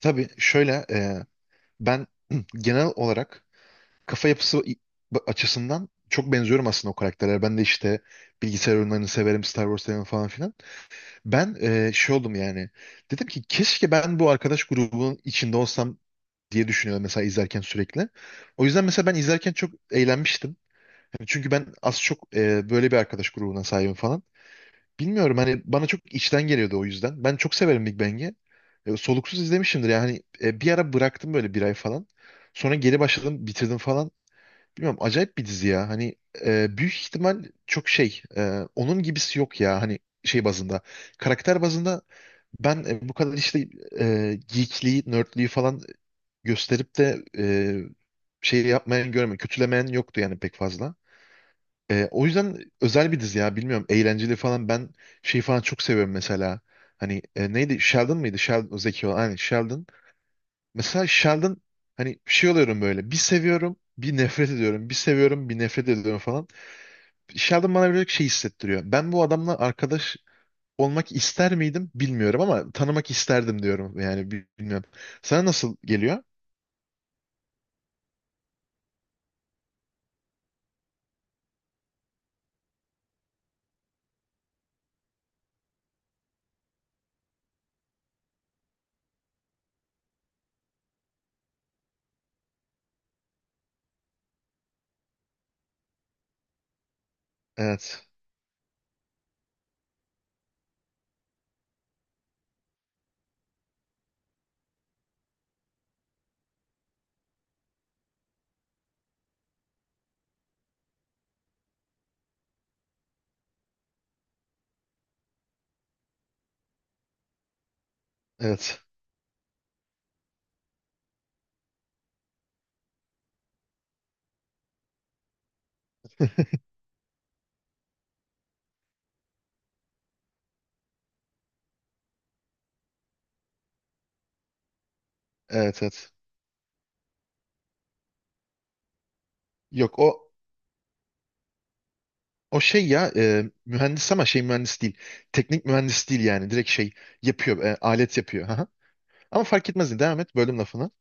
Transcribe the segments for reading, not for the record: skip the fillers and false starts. Tabii şöyle ben genel olarak kafa yapısı i- açısından çok benziyorum aslında o karakterlere. Ben de işte bilgisayar oyunlarını severim, Star Wars severim falan filan. Ben şey oldum yani. Dedim ki keşke ben bu arkadaş grubunun içinde olsam diye düşünüyorum mesela izlerken sürekli. O yüzden mesela ben izlerken çok eğlenmiştim. Hani çünkü ben az çok böyle bir arkadaş grubuna sahibim falan. Bilmiyorum hani bana çok içten geliyordu o yüzden. Ben çok severim Big Bang'i. Soluksuz izlemişimdir yani. Bir ara bıraktım böyle bir ay falan. Sonra geri başladım, bitirdim falan. Bilmiyorum acayip bir dizi ya. Hani büyük ihtimal çok şey. Onun gibisi yok ya. Hani şey bazında. Karakter bazında ben bu kadar işte geekliği, nerdliği falan gösterip de şey yapmayan görmedim. Kötülemeyen yoktu yani pek fazla. O yüzden özel bir dizi ya bilmiyorum eğlenceli falan ben şey falan çok seviyorum mesela hani neydi Sheldon mıydı Sheldon o zeki olan aynen Sheldon mesela. Sheldon hani şey oluyorum böyle, bir seviyorum bir nefret ediyorum, bir seviyorum bir nefret ediyorum falan. Sheldon bana böyle şey hissettiriyor, ben bu adamla arkadaş olmak ister miydim bilmiyorum ama tanımak isterdim diyorum yani, bilmiyorum sana nasıl geliyor? Evet, evet. Evet, evet. Yok, o. O şey ya, mühendis ama şey mühendis değil. Teknik mühendis değil yani. Direkt şey yapıyor. Alet yapıyor. Aha. Ama fark etmez. Devam et. Bölüm lafını.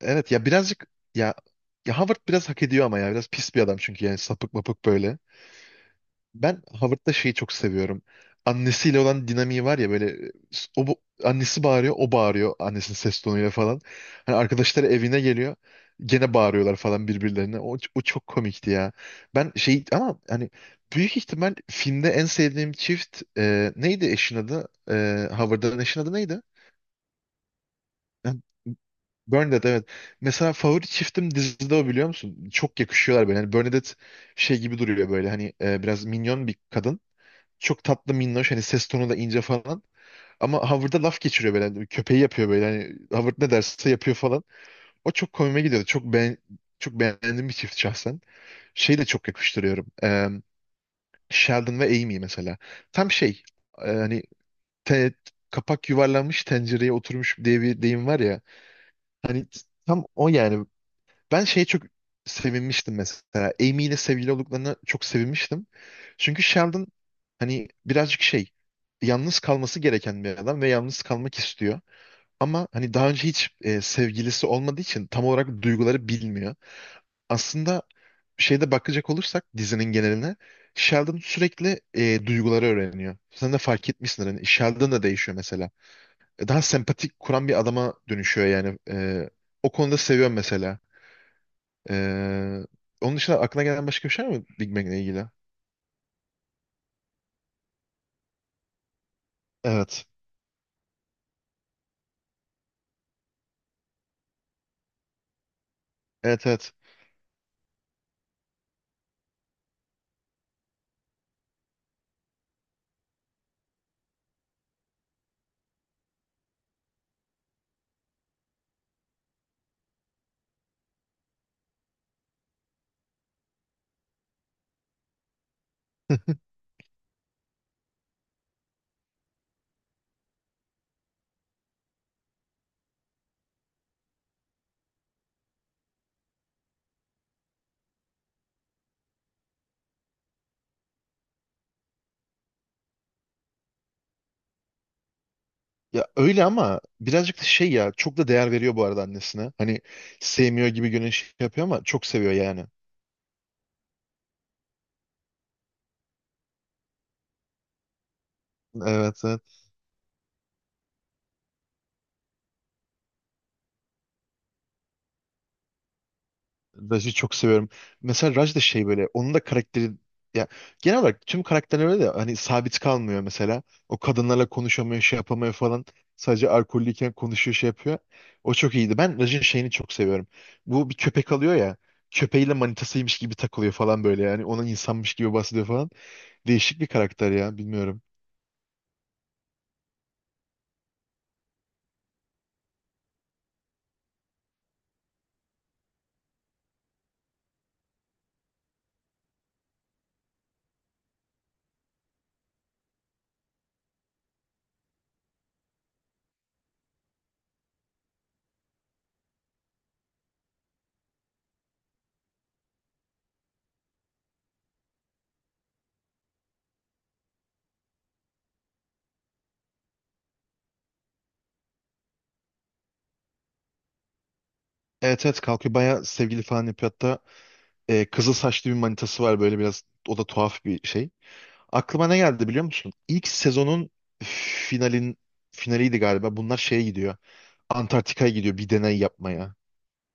Evet ya, birazcık ya, ya Howard biraz hak ediyor ama ya. Biraz pis bir adam çünkü yani, sapık mapık böyle. Ben Howard'da şeyi çok seviyorum. Annesiyle olan dinamiği var ya böyle, o annesi bağırıyor, o bağırıyor annesinin ses tonuyla falan. Hani arkadaşları evine geliyor. Gene bağırıyorlar falan birbirlerine. O çok komikti ya. Ben şey ama hani büyük ihtimal filmde en sevdiğim çift, neydi eşin adı? E, Howard'ın eşin adı neydi? Ha, Bernadette, evet. Mesela favori çiftim dizide o, biliyor musun? Çok yakışıyorlar böyle. Hani Bernadette şey gibi duruyor böyle, hani biraz minyon bir kadın. Çok tatlı, minnoş, hani ses tonu da ince falan. Ama Howard'a laf geçiriyor böyle, hani köpeği yapıyor böyle. Hani Howard ne derse yapıyor falan. O çok komime gidiyordu. Çok beğendiğim bir çift şahsen. Şeyi de çok yakıştırıyorum. Sheldon ve Amy mesela. Tam şey, hani te- kapak yuvarlanmış tencereye oturmuş diye bir deyim var ya. Hani tam o yani, ben şeye çok sevinmiştim mesela. Amy ile sevgili olduklarına çok sevinmiştim. Çünkü Sheldon hani birazcık şey, yalnız kalması gereken bir adam ve yalnız kalmak istiyor. Ama hani daha önce hiç sevgilisi olmadığı için tam olarak duyguları bilmiyor. Aslında şeyde bakacak olursak dizinin geneline, Sheldon sürekli duyguları öğreniyor. Sen de fark etmişsin hani Sheldon da değişiyor mesela. Daha sempatik kuran bir adama dönüşüyor yani. O konuda seviyorum mesela. Ee, Onun dışında aklına gelen başka bir şey var mı Big Mac'le ilgili? Evet. Evet, evet. Ya öyle ama birazcık da şey ya, çok da değer veriyor bu arada annesine. Hani sevmiyor gibi görünüş yapıyor ama çok seviyor yani. Evet, evet. Raj'ı çok seviyorum. Mesela Raj da şey böyle, onun da karakteri ya, genel olarak tüm karakterler öyle de, hani sabit kalmıyor mesela. O kadınlarla konuşamıyor, şey yapamıyor falan. Sadece alkollüyken konuşuyor, şey yapıyor. O çok iyiydi. Ben Raj'ın şeyini çok seviyorum. Bu bir köpek alıyor ya. Köpeğiyle manitasıymış gibi takılıyor falan böyle yani, onun insanmış gibi bahsediyor falan. Değişik bir karakter ya, bilmiyorum. Evet evet, kalkıyor, bayağı sevgili falan yapıyor. Hatta kızıl saçlı bir manitası var böyle, biraz o da tuhaf bir şey. Aklıma ne geldi biliyor musun? İlk sezonun finalin finaliydi galiba. Bunlar şeye gidiyor. Antarktika'ya gidiyor bir deney yapmaya.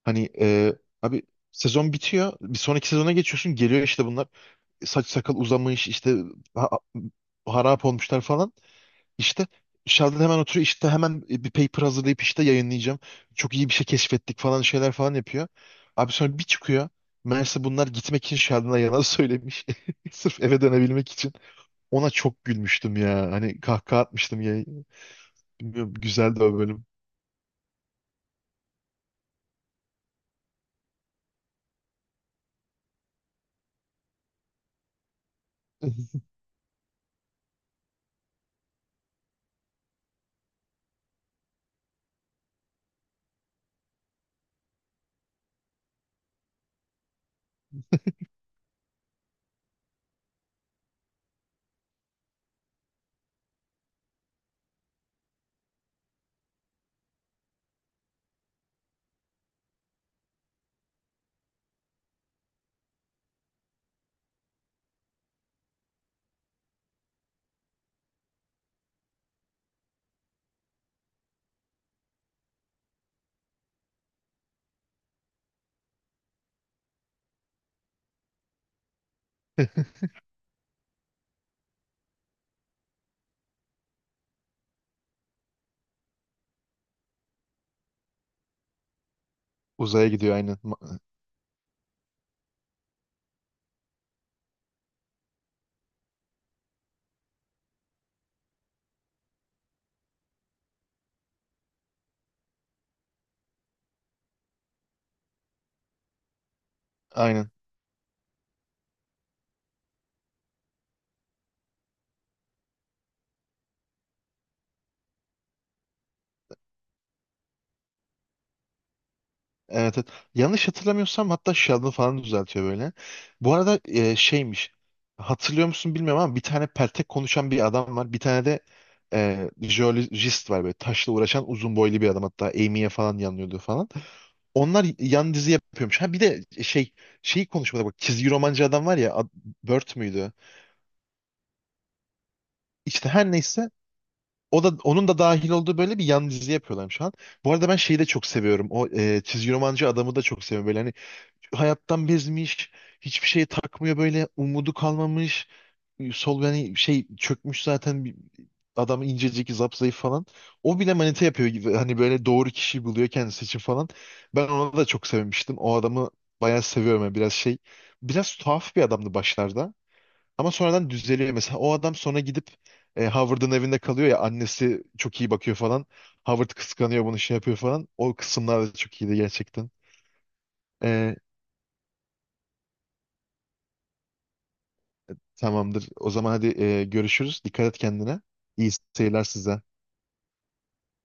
Hani abi, sezon bitiyor. Bir sonraki sezona geçiyorsun. Geliyor işte bunlar. Saç sakal uzamış işte, ha- harap olmuşlar falan. İşte Sheldon hemen oturuyor. İşte hemen bir paper hazırlayıp işte yayınlayacağım. Çok iyi bir şey keşfettik falan, şeyler falan yapıyor. Abi sonra bir çıkıyor. Meğerse bunlar gitmek için Sheldon'a yalan söylemiş. Sırf eve dönebilmek için. Ona çok gülmüştüm ya. Hani kahkaha atmıştım ya. Bilmiyorum, güzeldi o bölüm. Uzaya gidiyor aynen. Ma- Aynen. Evet, evet. Yanlış hatırlamıyorsam hatta Sheldon falan düzeltiyor böyle. Bu arada şeymiş. Hatırlıyor musun bilmiyorum ama bir tane peltek konuşan bir adam var. Bir tane de jeolojist var böyle. Taşla uğraşan uzun boylu bir adam. Hatta Amy'ye falan yanıyordu falan. Onlar yan dizi yapıyormuş. Ha bir de şey, şeyi konuşmada bak. Çizgi romancı adam var ya. Ad- Bert müydü? İşte her neyse, o da, onun da dahil olduğu böyle bir yan dizi yapıyorlar şu an. Bu arada ben şeyi de çok seviyorum. O çizgi romancı adamı da çok seviyorum. Böyle hani hayattan bezmiş, hiçbir şeye takmıyor böyle, umudu kalmamış. Sol yani şey çökmüş zaten, adam incecik, zapzayıf falan. O bile manita yapıyor gibi. Hani böyle doğru kişiyi buluyor kendisi için falan. Ben ona da çok sevmiştim. O adamı bayağı seviyorum. Yani biraz şey, biraz tuhaf bir adamdı başlarda. Ama sonradan düzeliyor mesela. O adam sonra gidip Howard'ın evinde kalıyor ya, annesi çok iyi bakıyor falan. Howard kıskanıyor bunu, şey yapıyor falan. O kısımlar da çok iyiydi gerçekten. E, Tamamdır. O zaman hadi görüşürüz. Dikkat et kendine. İyi seyirler size.